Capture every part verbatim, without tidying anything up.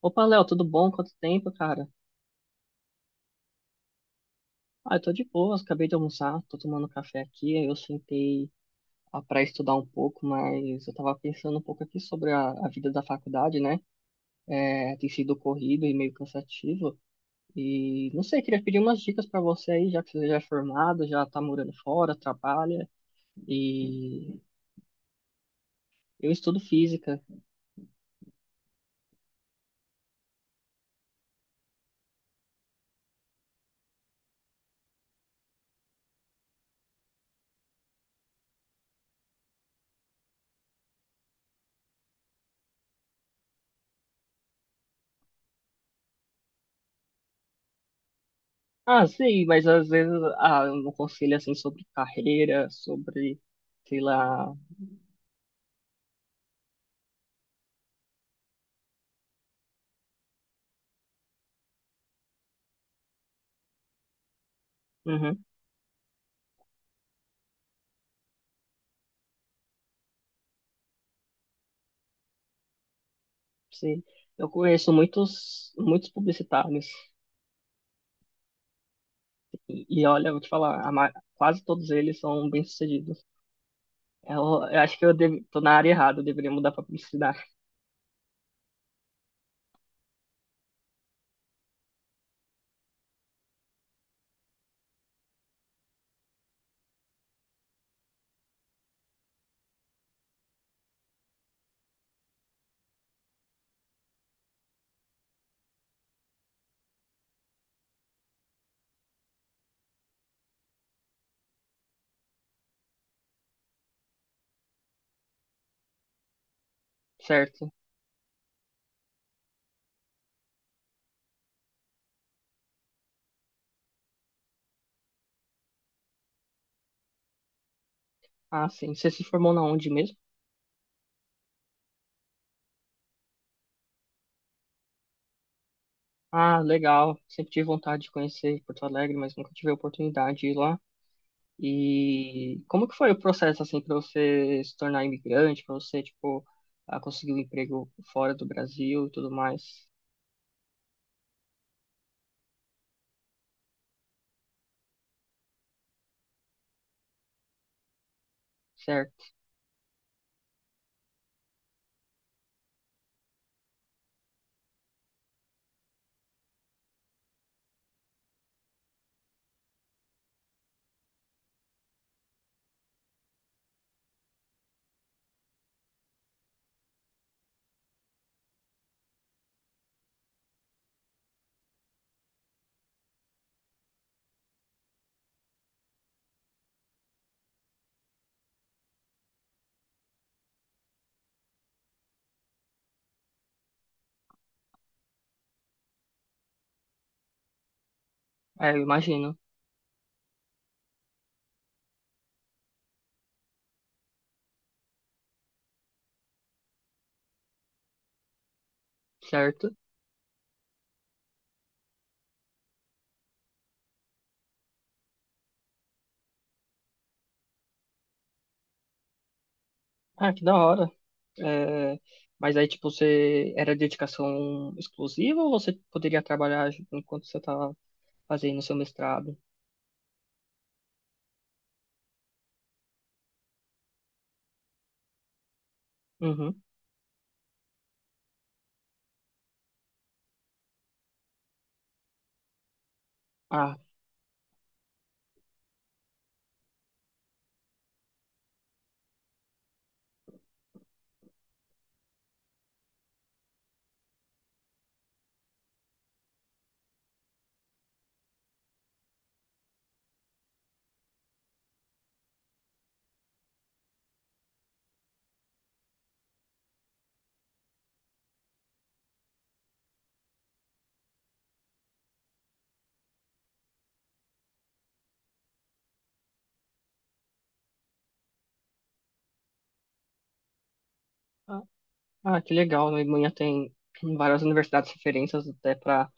Opa, Léo, tudo bom? Quanto tempo, cara? Ah, eu tô de boa. Acabei de almoçar, tô tomando café aqui, aí eu sentei ah, pra estudar um pouco, mas eu tava pensando um pouco aqui sobre a, a vida da faculdade, né? É, tem sido corrido e meio cansativo, e não sei, queria pedir umas dicas pra você aí, já que você já é formado, já tá morando fora, trabalha, e eu estudo física. Ah, sei, mas às vezes, ah, um conselho assim sobre carreira, sobre, sei lá. Uhum. Sim. Eu conheço muitos, muitos publicitários e, e olha, eu vou te falar, a ma- quase todos eles são bem-sucedidos. Eu, eu acho que eu deve, tô na área errada, eu deveria mudar para publicidade, certo? Ah, sim. Você se formou na onde mesmo? Ah, legal. Sempre tive vontade de conhecer Porto Alegre, mas nunca tive a oportunidade de ir lá. E como que foi o processo assim para você se tornar imigrante, para você tipo ah, conseguir um emprego fora do Brasil e tudo mais, certo? É, eu imagino, certo? Ah, que da hora. É, mas aí, tipo, você era dedicação exclusiva ou você poderia trabalhar enquanto você estava fazendo seu mestrado? Uhum. Ah, ah, ah, que legal. Na Alemanha tem várias universidades referências até para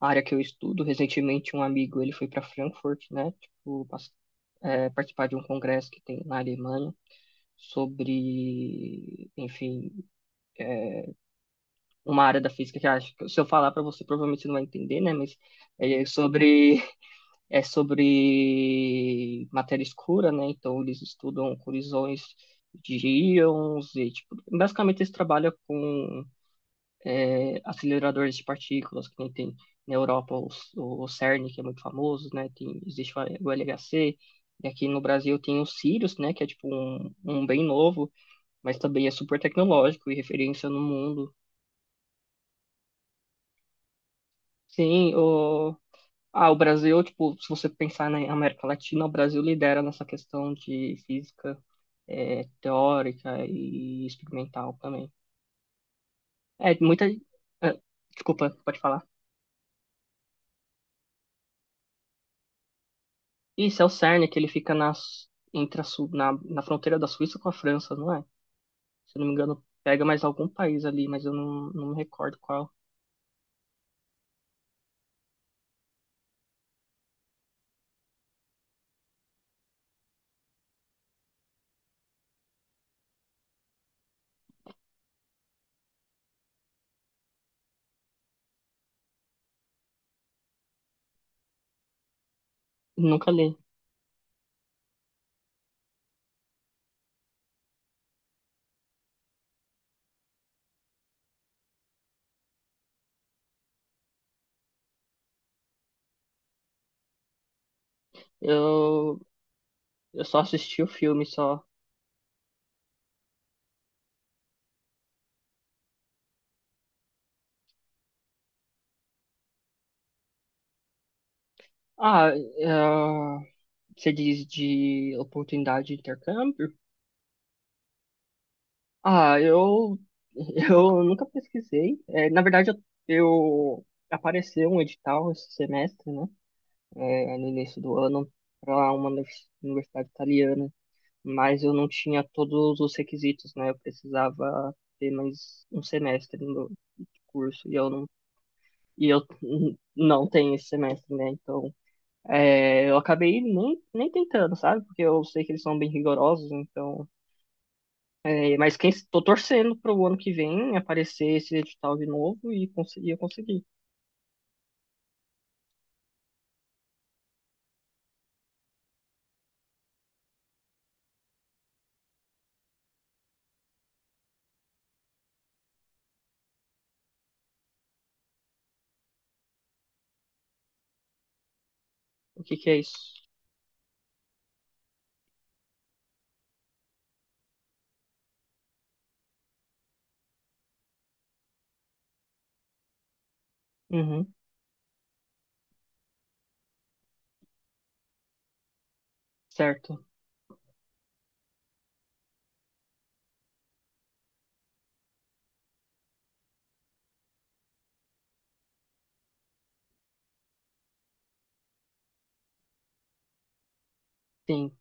a área que eu estudo. Recentemente, um amigo, ele foi para Frankfurt, né? Tipo, pas- é, participar de um congresso que tem na Alemanha sobre, enfim, uma área da física que eu acho que se eu falar para você, provavelmente você não vai entender, né? Mas é sobre é sobre matéria escura, né? Então eles estudam colisões de íons e tipo, basicamente eles trabalham com é, aceleradores de partículas que nem tem na Europa os, o CERN que é muito famoso, né? Tem existe o L H C e aqui no Brasil tem o Sirius, né? Que é tipo um, um bem novo, mas também é super tecnológico e referência no mundo. Sim, o ah, o Brasil, tipo, se você pensar na América Latina, o Brasil lidera nessa questão de física é, teórica e experimental também. É, muita. é, desculpa, pode falar. Isso é o CERN, que ele fica nas, entre a Su- na, na fronteira da Suíça com a França, não é? Se eu não me engano, pega mais algum país ali, mas eu não, não me recordo qual. Nunca li. Eu, eu só assisti o filme, só. Ah, é, você diz de oportunidade de intercâmbio? Ah, eu, eu nunca pesquisei. É, na verdade, eu, eu- apareceu um edital esse semestre, né? É, no início do ano, para uma univers- universidade italiana, mas eu não tinha todos os requisitos, né? Eu precisava ter mais um semestre no curso e eu não, e eu n- não tenho esse semestre, né? Então, é, eu acabei nem, nem tentando, sabe? Porque eu sei que eles são bem rigorosos, então. É, mas quem tô torcendo para o ano que vem aparecer esse edital de novo e conseguir, eu conseguir. O que que é isso? Uhum, certo. Sim.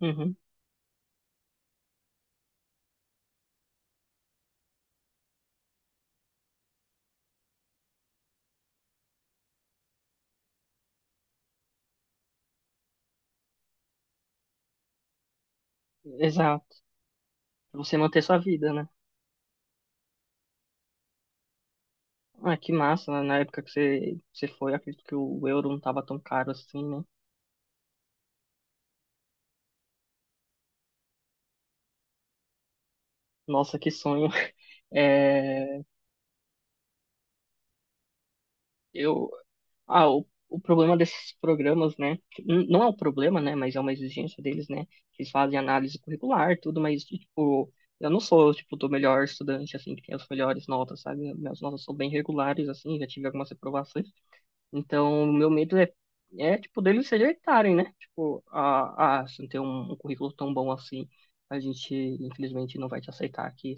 Uhum, exato. Pra você manter sua vida, né? Ah, que massa, né? Na época que você, você foi, acredito que o euro não tava tão caro assim, né? Nossa, que sonho. É, eu, ah, o, o problema desses programas, né? que n- Não é um problema, né? Mas é uma exigência deles, né? Que eles fazem análise curricular, tudo, mas, tipo, eu não sou, tipo, do melhor estudante, assim, que tem as melhores notas, sabe? Minhas notas são bem regulares, assim, já tive algumas reprovações. Então, o meu medo é, é tipo, deles se rejeitarem, né? Tipo, ah, ah, se não tem um, um currículo tão bom assim, a gente, infelizmente, não vai te aceitar aqui,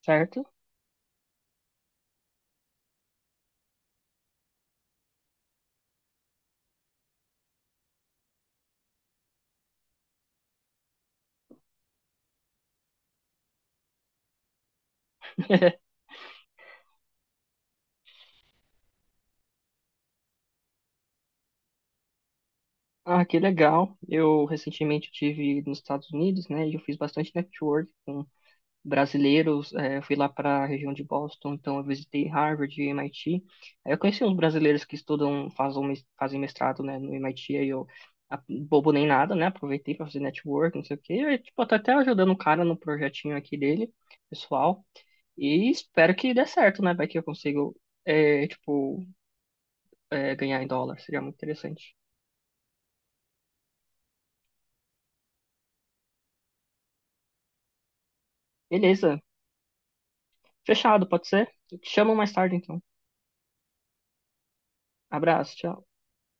certo? Ah, que legal. Eu recentemente estive nos Estados Unidos, né? E eu fiz bastante network com brasileiros. Eh, eu fui lá para a região de Boston, então eu visitei Harvard e M I T. Aí eu conheci uns brasileiros que estudam, fazem, mes- fazem mestrado, né, no M I T. Aí eu, a- bobo nem nada, né? Aproveitei para fazer network, não sei o quê. E, tipo, eu tipo, tô até ajudando o cara no projetinho aqui dele, pessoal. E espero que dê certo, né? Vai que eu consigo, eh, tipo, eh, ganhar em dólar. Seria muito interessante. Beleza. Fechado, pode ser? Eu te chamo mais tarde, então. Abraço, tchau.